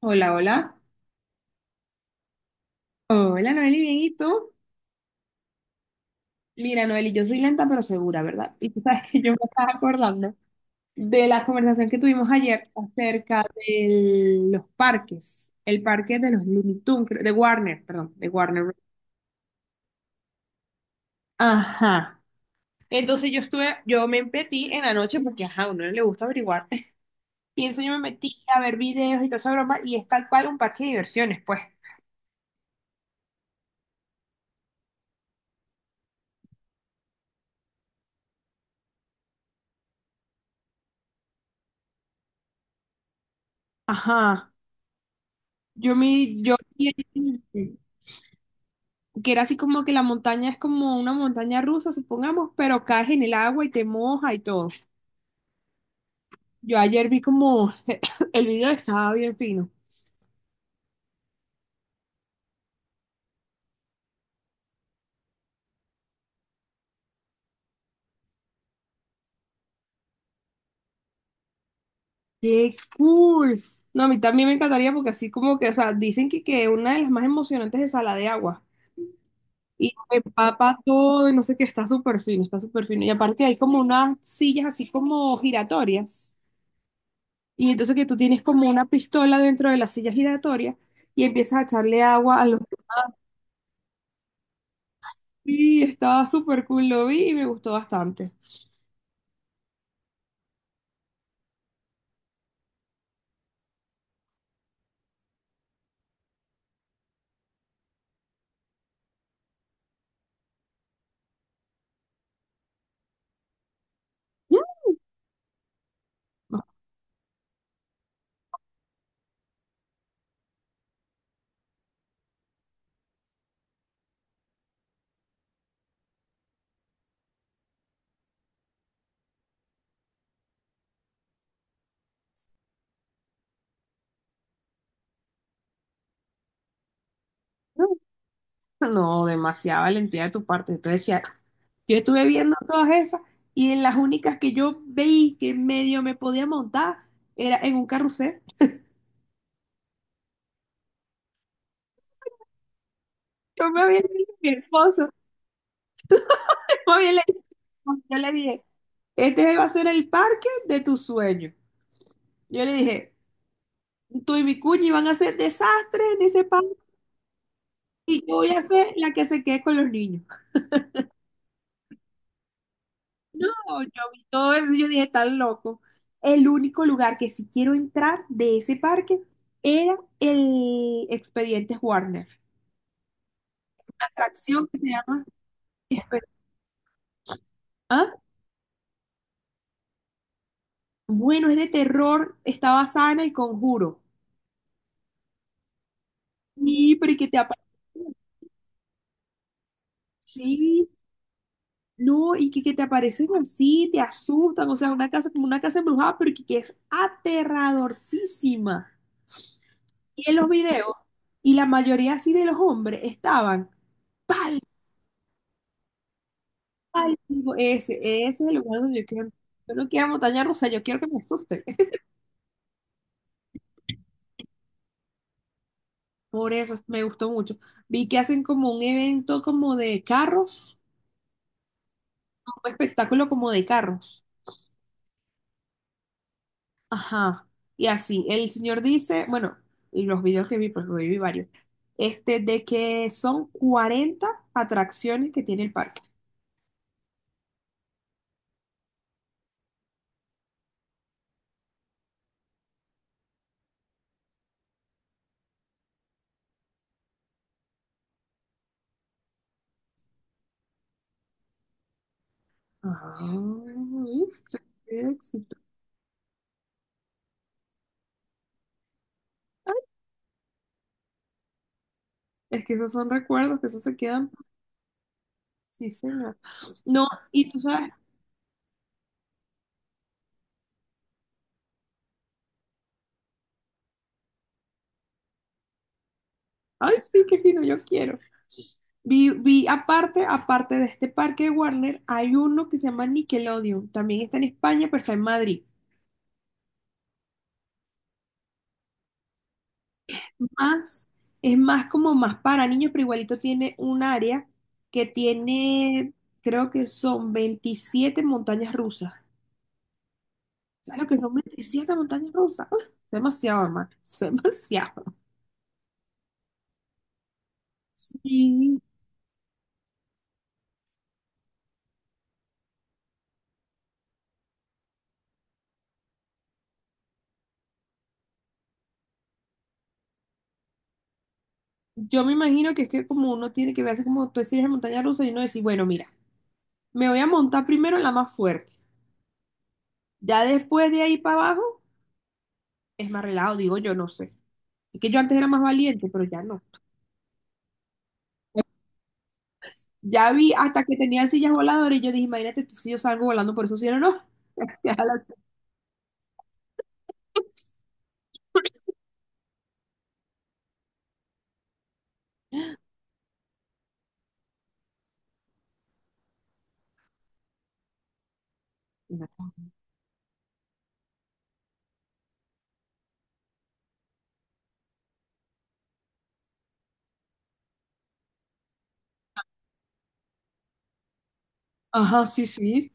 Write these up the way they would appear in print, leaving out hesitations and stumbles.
Hola, hola. Hola, Noeli, bien, ¿y tú? Mira, Noeli, yo soy lenta pero segura, ¿verdad? Y tú sabes que yo me estaba acordando de la conversación que tuvimos ayer acerca de los parques, el parque de los Looney Tunes, de Warner, perdón, de Warner Bros. Ajá. Entonces yo me metí en la noche porque, ajá, a uno le gusta averiguar. Y entonces yo me metí a ver videos y toda esa broma y es tal cual un parque de diversiones, pues. Ajá. Yo me, yo... que era así como que la montaña es como una montaña rusa, supongamos, pero caes en el agua y te moja y todo. Yo ayer vi como el video estaba bien fino. ¡Qué cool! No, a mí también me encantaría porque así como que, o sea, dicen que una de las más emocionantes es la de agua. Y empapa todo y no sé qué, está súper fino, está súper fino. Y aparte hay como unas sillas así como giratorias. Y entonces que tú tienes como una pistola dentro de la silla giratoria y empiezas a echarle agua a los. Sí, estaba súper cool, lo vi y me gustó bastante. No, no, demasiada valentía de tu parte. Entonces decía, yo estuve viendo todas esas y en las únicas que yo veí que medio me podía montar era en un carrusel. Yo me había dicho a mi esposo, me había le- yo le dije, este va a ser el parque de tus sueños. Yo le dije, tú y mi cuñi van a hacer desastres en ese parque y yo voy a ser la que se quede con los niños. No, yo vi todo eso, y yo dije, tan loco. El único lugar que sí quiero entrar de ese parque era el Expedientes Warner. Atracción que se llama Expe- ¿Ah? Bueno, es de terror, está basada en El Conjuro. Sí, pero y que te aparecen, sí, no, y que te aparecen así, te asustan, o sea, una casa como una casa embrujada, pero que es aterradorcísima. Y en los videos, y la mayoría así de los hombres estaban. Ay, digo, ese es el lugar donde yo quiero. Yo no quiero montaña rusa, yo quiero que me asusten. Por eso me gustó mucho. Vi que hacen como un evento como de carros, un espectáculo como de carros. Ajá. Y así, el señor dice, bueno, y los videos que vi, pues lo vi varios, de que son 40 atracciones que tiene el parque. Ah, ¿viste? Qué éxito. Es que esos son recuerdos, que esos se quedan. Sí, señor. No, y tú sabes, ay, sí, qué fino, yo quiero. Vi aparte, aparte de este parque de Warner, hay uno que se llama Nickelodeon. También está en España, pero está en Madrid. Más, es más como más para niños, pero igualito tiene un área que tiene, creo que son 27 montañas rusas. ¿Sabes lo que son 27 montañas rusas? Uf, demasiado, hermano. Es demasiado. Sí, yo me imagino que es que como uno tiene que verse como tú series de montaña rusa y uno decir, bueno, mira, me voy a montar primero en la más fuerte. Ya después de ahí para abajo. Es más relajado, digo yo, no sé. Es que yo antes era más valiente, pero ya no. Ya vi hasta que tenía sillas voladoras y yo dije, imagínate tú si yo salgo volando por esos cielos, no, no. Gracias a las- Ajá, sí, sí.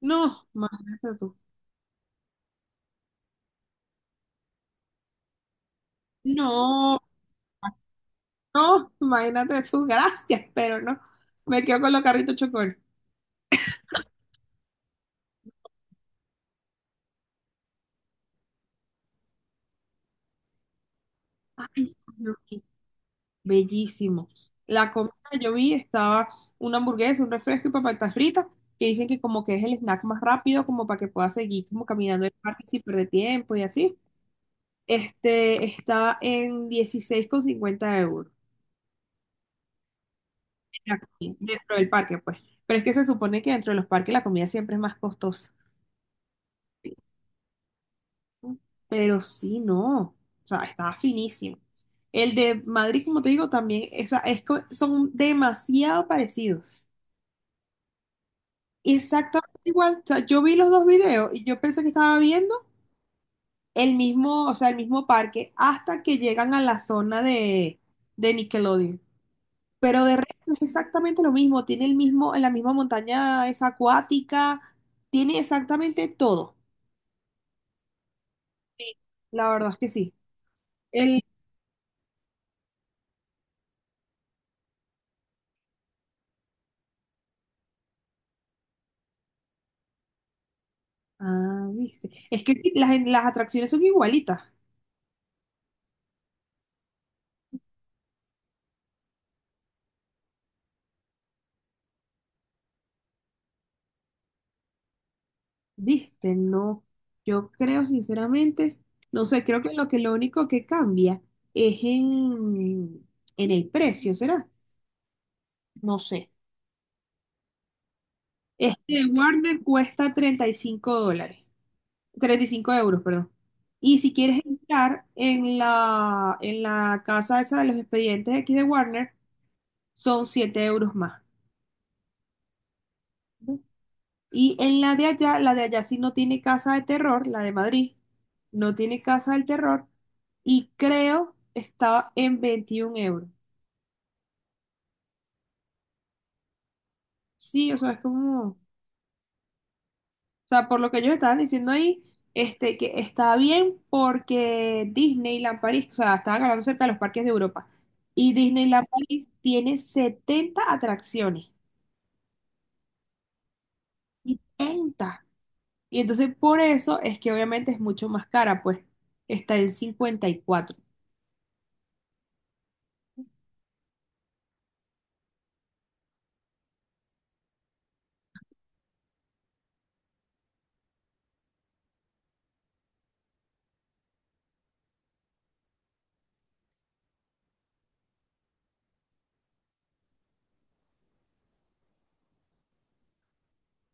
No, imagínate tú. No, no, imagínate tú, gracias, pero no. Me quedo con los carritos chocones. Ay, no. Bellísimo. La comida yo vi estaba una hamburguesa, un refresco y papas fritas, que dicen que como que es el snack más rápido, como para que puedas seguir como caminando el parque sin perder tiempo y así. Este estaba en 16,50 euros la comida, dentro del parque, pues. Pero es que se supone que dentro de los parques la comida siempre es más costosa. Pero sí, no. O sea, estaba finísimo. El de Madrid, como te digo, también, o sea, son demasiado parecidos. Exactamente igual. O sea, yo vi los dos videos y yo pensé que estaba viendo el mismo, o sea, el mismo parque hasta que llegan a la zona de Nickelodeon. Pero de resto es exactamente lo mismo. Tiene el mismo, la misma montaña es acuática, tiene exactamente todo. La verdad es que sí. El, ah, viste. Es que sí, las atracciones son igualitas. Viste, no. Yo creo sinceramente, no sé, creo que lo único que cambia es en el precio, ¿será? No sé. Este Warner cuesta 35 dólares, 35 euros, perdón. Y si quieres entrar en la casa esa de los expedientes X de Warner, son 7 euros más. Y en la de allá sí no tiene casa de terror, la de Madrid, no tiene casa del terror y creo estaba en 21 euros. Sí, o sea, es como, o sea, por lo que ellos estaban diciendo ahí, que está bien porque Disneyland París, o sea, estaban hablando cerca de los parques de Europa y Disneyland París tiene 70 atracciones, 70. Y entonces por eso es que obviamente es mucho más cara, pues está en 54.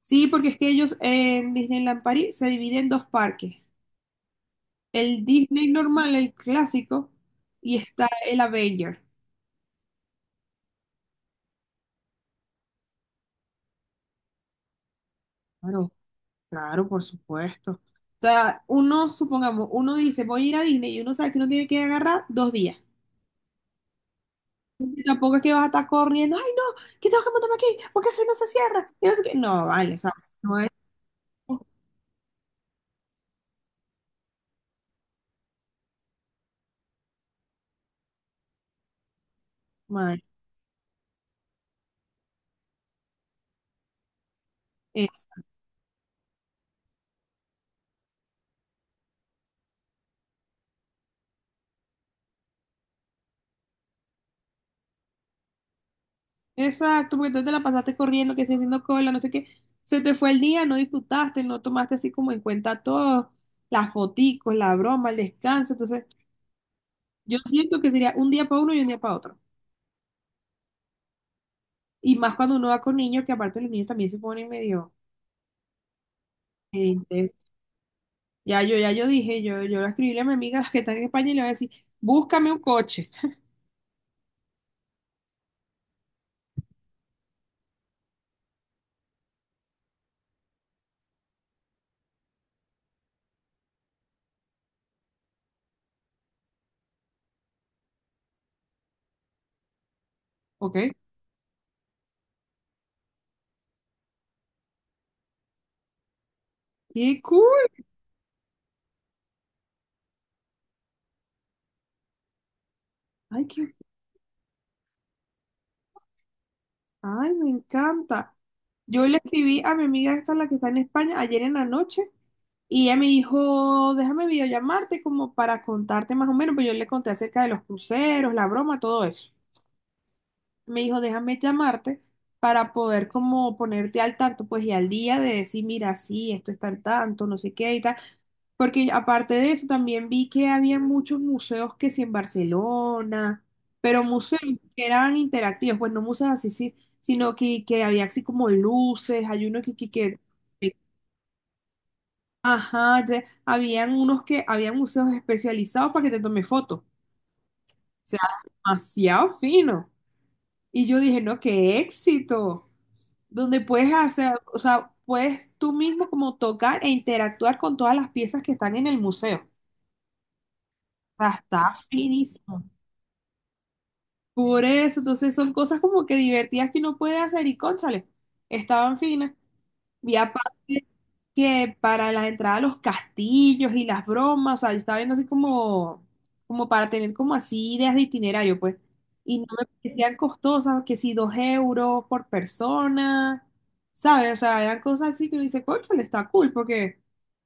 Sí, porque es que ellos en Disneyland París se dividen en dos parques. El Disney normal, el clásico, y está el Avenger. Claro, claro, por supuesto. O sea, uno, supongamos, uno dice, voy a ir a Disney y uno sabe que uno tiene que agarrar 2 días. Y tampoco es que vas a estar corriendo, ay no, que tengo que montarme aquí, porque si no se cierra, y no sé qué". No, vale, o sea, no es normal. Exacto, porque tú te la pasaste corriendo, que sí, haciendo cola, no sé qué. Se te fue el día, no disfrutaste, no tomaste así como en cuenta todo, las foticos, la broma, el descanso. Entonces, yo siento que sería un día para uno y un día para otro. Y más cuando uno va con niños, que aparte los niños también se ponen medio gente. Ya yo dije, yo escribí a mi amiga las que está en España y le voy a decir, búscame un coche, ¿ok? ¡Qué cool! ¡Ay, qué Ay, me encanta. Yo le escribí a mi amiga esta, la que está en España, ayer en la noche, y ella me dijo, déjame videollamarte como para contarte más o menos, pues yo le conté acerca de los cruceros, la broma, todo eso me dijo, déjame llamarte para poder como ponerte al tanto, pues y al día de decir, mira, sí, esto está al tanto, no sé qué y tal. Porque aparte de eso, también vi que había muchos museos que sí en Barcelona, pero museos que eran interactivos, pues no museos así, sí, sino que había así como luces, hay uno ajá, habían museos especializados para que te tome fotos. O sea, demasiado fino. Y yo dije, no, qué éxito, donde puedes hacer, o sea, puedes tú mismo como tocar e interactuar con todas las piezas que están en el museo. O sea, está finísimo. Por eso, entonces son cosas como que divertidas que uno puede hacer y cónchale, estaban finas. Y aparte que para las entradas a los castillos y las bromas, o sea, yo estaba viendo así como, para tener como así ideas de itinerario, pues. Y no me parecían costosas, que si 2 euros por persona, ¿sabes? O sea, eran cosas así que uno dice, cónchale, está cool, porque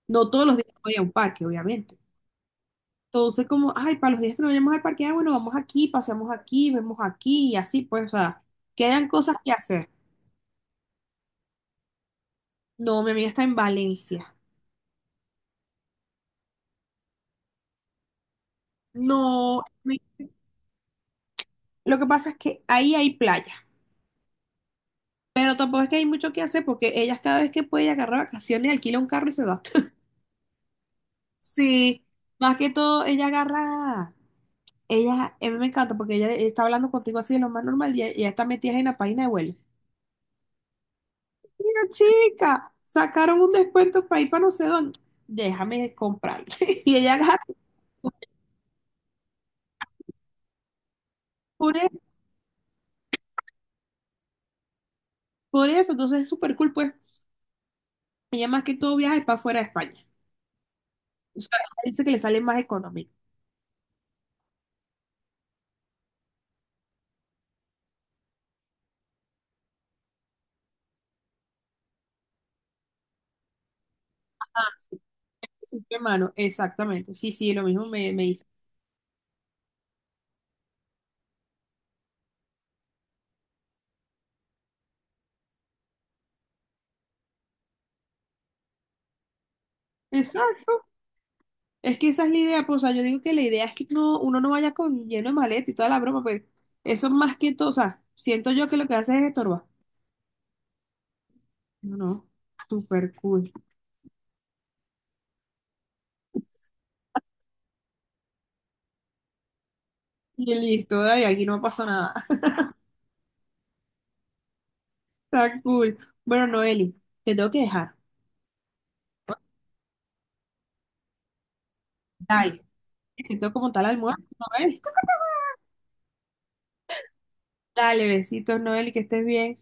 no todos los días voy a un parque, obviamente. Entonces, como, ay, para los días que no vayamos al parque, ah, bueno, vamos aquí, paseamos aquí, vemos aquí, y así, pues, o sea, quedan cosas que hacer. No, mi amiga está en Valencia. No. Lo que pasa es que ahí hay playa, pero tampoco es que hay mucho que hacer porque ellas cada vez que puede agarra vacaciones, alquila un carro y se va. Sí, más que todo ella agarra, ella, a mí me encanta porque ella está hablando contigo así de lo más normal y ella está metida en la página de vuelo. Mira, chica, sacaron un descuento para ir para no sé dónde, déjame comprarlo. Y ella agarra, por, e- por eso, entonces es súper cool, pues ella más que todo viaja es para fuera de España. O sea, ella dice que le sale más económico. Sí, hermano, exactamente. Sí, sí, lo mismo me dice. Exacto. Es que esa es la idea, pues, o sea, yo digo que la idea es que no, uno no vaya con lleno de maleta y toda la broma, pues eso más que todo, o sea, siento yo que lo que hace es estorbar. No, no, súper cool. Y listo, dale, aquí no pasó nada. Está cool. Bueno, Noeli, te tengo que dejar. Dale, te tengo como tal almuerzo, Noeli. Dale, besitos, Noeli, que estés bien.